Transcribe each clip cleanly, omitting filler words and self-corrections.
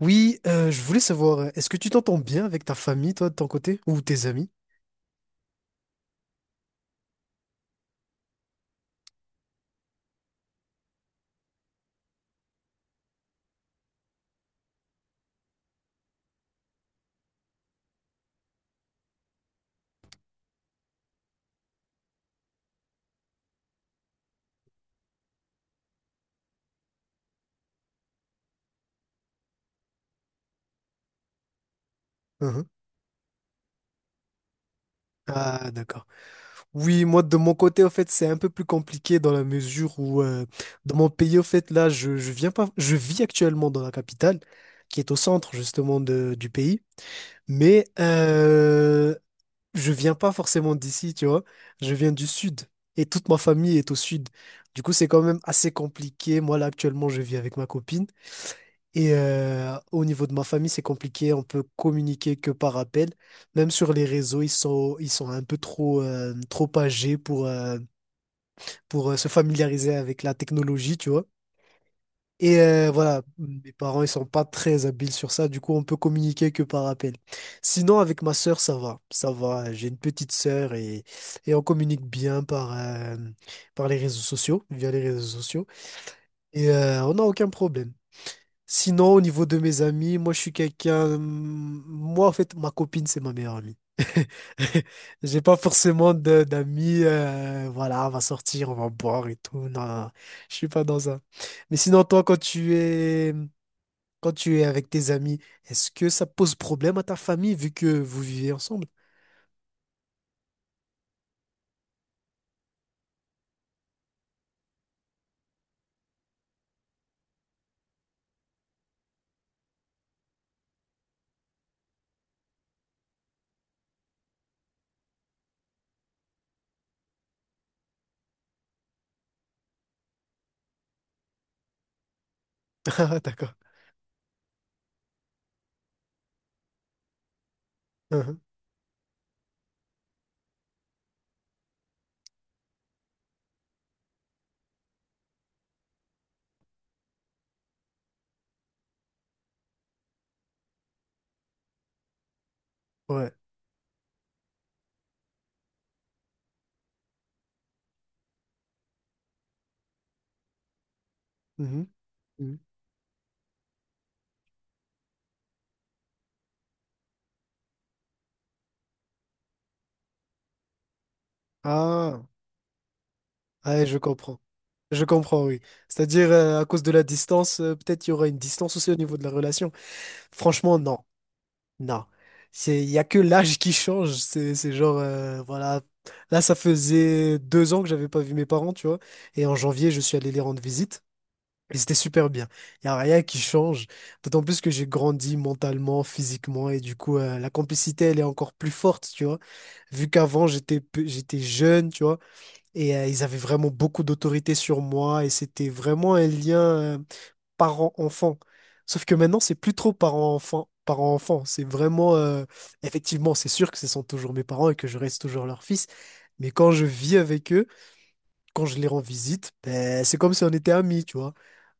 Oui, je voulais savoir, est-ce que tu t'entends bien avec ta famille, toi, de ton côté, ou tes amis? Uhum. Ah, d'accord. Oui, moi, de mon côté, en fait, c'est un peu plus compliqué dans la mesure où, dans mon pays, en fait, là, je viens pas, je vis actuellement dans la capitale, qui est au centre, justement, du pays. Mais, je viens pas forcément d'ici, tu vois. Je viens du sud et toute ma famille est au sud. Du coup, c'est quand même assez compliqué. Moi, là, actuellement, je vis avec ma copine et au niveau de ma famille, c'est compliqué. On peut communiquer que par appel. Même sur les réseaux, ils sont un peu trop, trop âgés pour, se familiariser avec la technologie, tu vois. Et voilà, mes parents, ils sont pas très habiles sur ça, du coup, on peut communiquer que par appel. Sinon, avec ma sœur, ça va, ça va. J'ai une petite sœur et on communique bien par, par les réseaux sociaux, via les réseaux sociaux. Et on n'a aucun problème. Sinon, au niveau de mes amis, moi, je suis quelqu'un. Moi, en fait, ma copine, c'est ma meilleure amie. J'ai pas forcément d'amis. Voilà, on va sortir, on va boire et tout. Non, non, non, je suis pas dans ça. Mais sinon, toi, quand tu es avec tes amis, est-ce que ça pose problème à ta famille vu que vous vivez ensemble? Ah, d'accord. Uhum. Ouais. Mhm. Mhm. Ah, ouais, je comprends. Je comprends, oui. C'est-à-dire, à cause de la distance, peut-être il y aura une distance aussi au niveau de la relation. Franchement, non, non. C'est, il y a que l'âge qui change. C'est genre, voilà. Là, ça faisait deux ans que j'avais pas vu mes parents, tu vois. Et en janvier, je suis allé les rendre visite. Et c'était super bien. Il y a rien qui change. D'autant plus que j'ai grandi mentalement, physiquement, et du coup, la complicité, elle est encore plus forte, tu vois. Vu qu'avant, j'étais jeune, tu vois. Et ils avaient vraiment beaucoup d'autorité sur moi et c'était vraiment un lien parent-enfant. Sauf que maintenant, c'est plus trop parent-enfant. C'est vraiment, effectivement, c'est sûr que ce sont toujours mes parents et que je reste toujours leur fils. Mais quand je vis avec eux, quand je les rends visite, ben, c'est comme si on était amis, tu vois.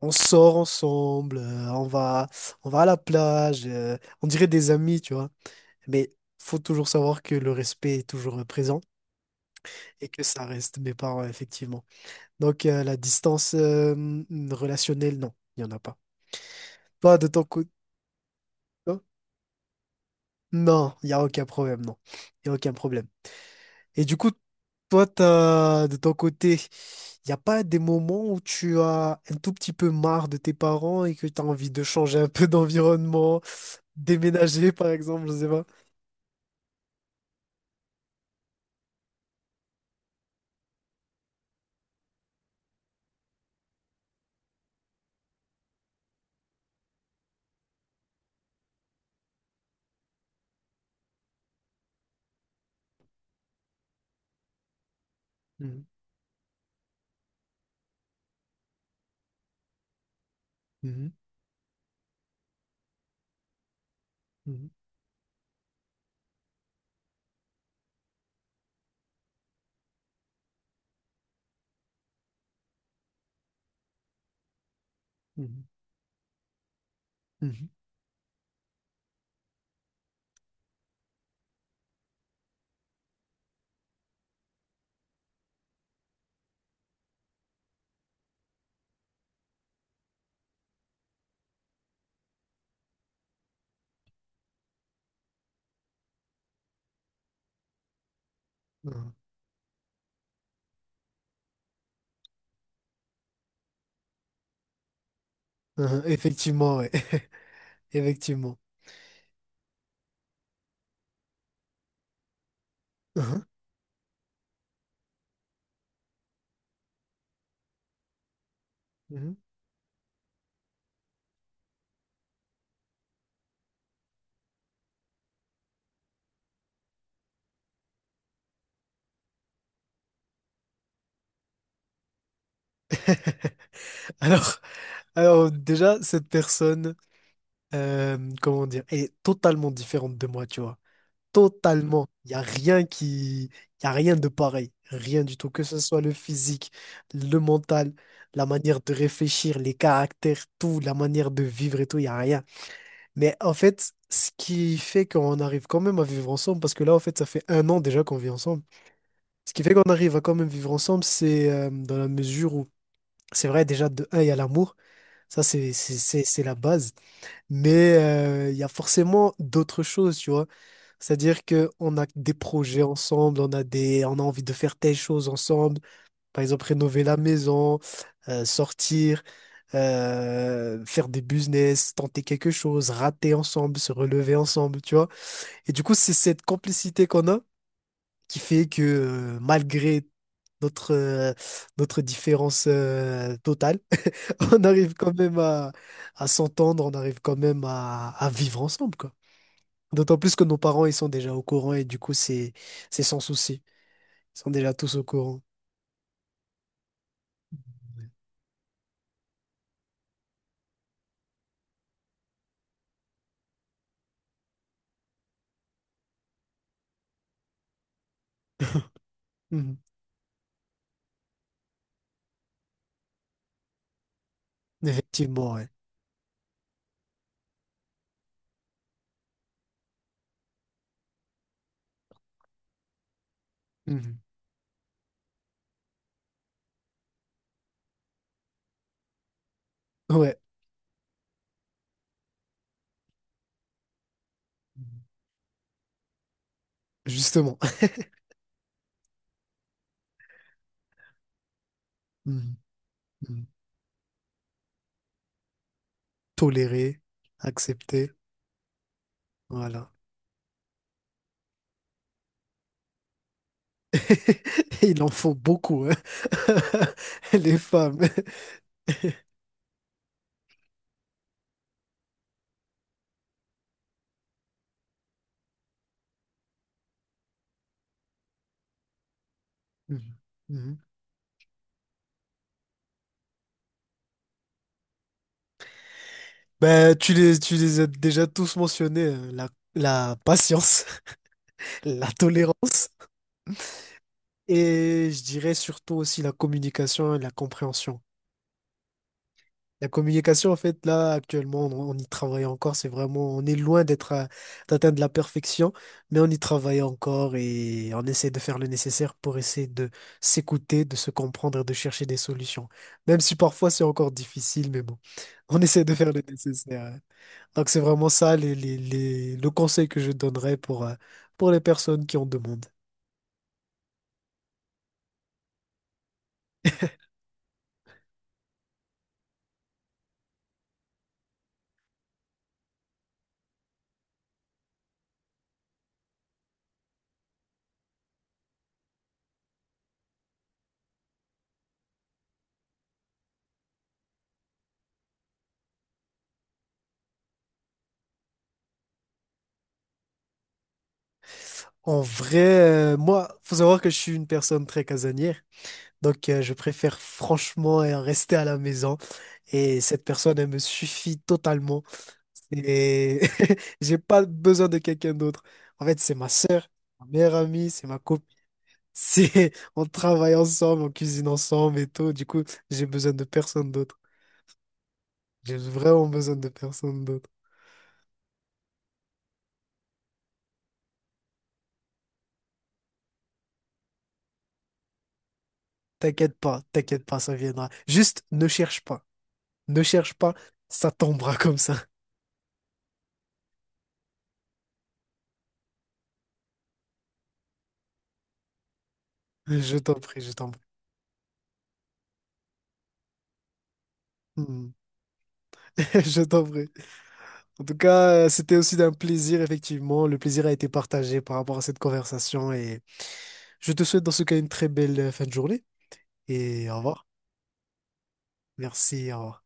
On sort ensemble, on va à la plage, on dirait des amis, tu vois. Mais faut toujours savoir que le respect est toujours présent et que ça reste mes parents, effectivement. Donc, la distance relationnelle, non, il n'y en a pas. Toi, de ton côté, non, non, il n'y a aucun problème, non. Il n'y a aucun problème. Et du coup, toi, t'as, de ton côté, il n'y a pas des moments où tu as un tout petit peu marre de tes parents et que tu as envie de changer un peu d'environnement, déménager, par exemple, je sais pas. Mhm, mhm, mhm, mhm, mhm, mhm. Mhm. Effectivement, ouais. Effectivement. Mhm, mhm. Alors, alors, déjà, cette personne. Comment dire, elle est totalement différente de moi, tu vois. Totalement. Il y a rien de pareil. Rien du tout. Que ce soit le physique, le mental, la manière de réfléchir, les caractères, tout, la manière de vivre et tout, il n'y a rien. Mais en fait, ce qui fait qu'on arrive quand même à vivre ensemble, parce que là, en fait, ça fait un an déjà qu'on vit ensemble. Ce qui fait qu'on arrive à quand même vivre ensemble, c'est dans la mesure où, c'est vrai, déjà, de un, il y a l'amour. Ça, c'est la base. Mais il y a forcément d'autres choses, tu vois. C'est-à-dire que on a des projets ensemble, on a envie de faire telle chose ensemble. Par exemple, rénover la maison, sortir, faire des business, tenter quelque chose, rater ensemble, se relever ensemble, tu vois. Et du coup, c'est cette complicité qu'on a qui fait que malgré notre notre différence totale, on arrive quand même à s'entendre, on arrive quand même à vivre ensemble, quoi. D'autant plus que nos parents, ils sont déjà au courant et du coup, c'est sans souci. Ils sont déjà tous au courant. Mhm. Effectivement, ouais. Mhm. Ouais, justement. Mhm. Mhm. Tolérer, accepter, voilà. Il en faut beaucoup, hein. Les femmes. Mhm. Mhm. Ben, tu les as déjà tous mentionnés, hein. La patience, la tolérance. Et je dirais surtout aussi la communication et la compréhension. La communication, en fait, là, actuellement, on y travaille encore. C'est vraiment, on est loin d'être, à- d'atteindre la perfection, mais on y travaille encore et on essaie de faire le nécessaire pour essayer de s'écouter, de se comprendre et de chercher des solutions. Même si parfois c'est encore difficile, mais bon, on essaie de faire le nécessaire. Hein. Donc c'est vraiment ça le conseil que je donnerais pour les personnes qui en demandent. En vrai, moi, faut savoir que je suis une personne très casanière, donc je préfère franchement rester à la maison et cette personne, elle me suffit totalement. Et j'ai pas besoin de quelqu'un d'autre. En fait, c'est ma sœur, ma meilleure amie, c'est ma copine. C'est on travaille ensemble, on cuisine ensemble et tout. Du coup, j'ai besoin de personne d'autre. J'ai vraiment besoin de personne d'autre. T'inquiète pas, ça viendra. Juste ne cherche pas. Ne cherche pas, ça tombera comme ça. Je t'en prie, je t'en prie. Hmm. Je t'en prie. En tout cas, c'était aussi d'un plaisir, effectivement. Le plaisir a été partagé par rapport à cette conversation et je te souhaite dans ce cas une très belle fin de journée et au revoir. Merci, au revoir.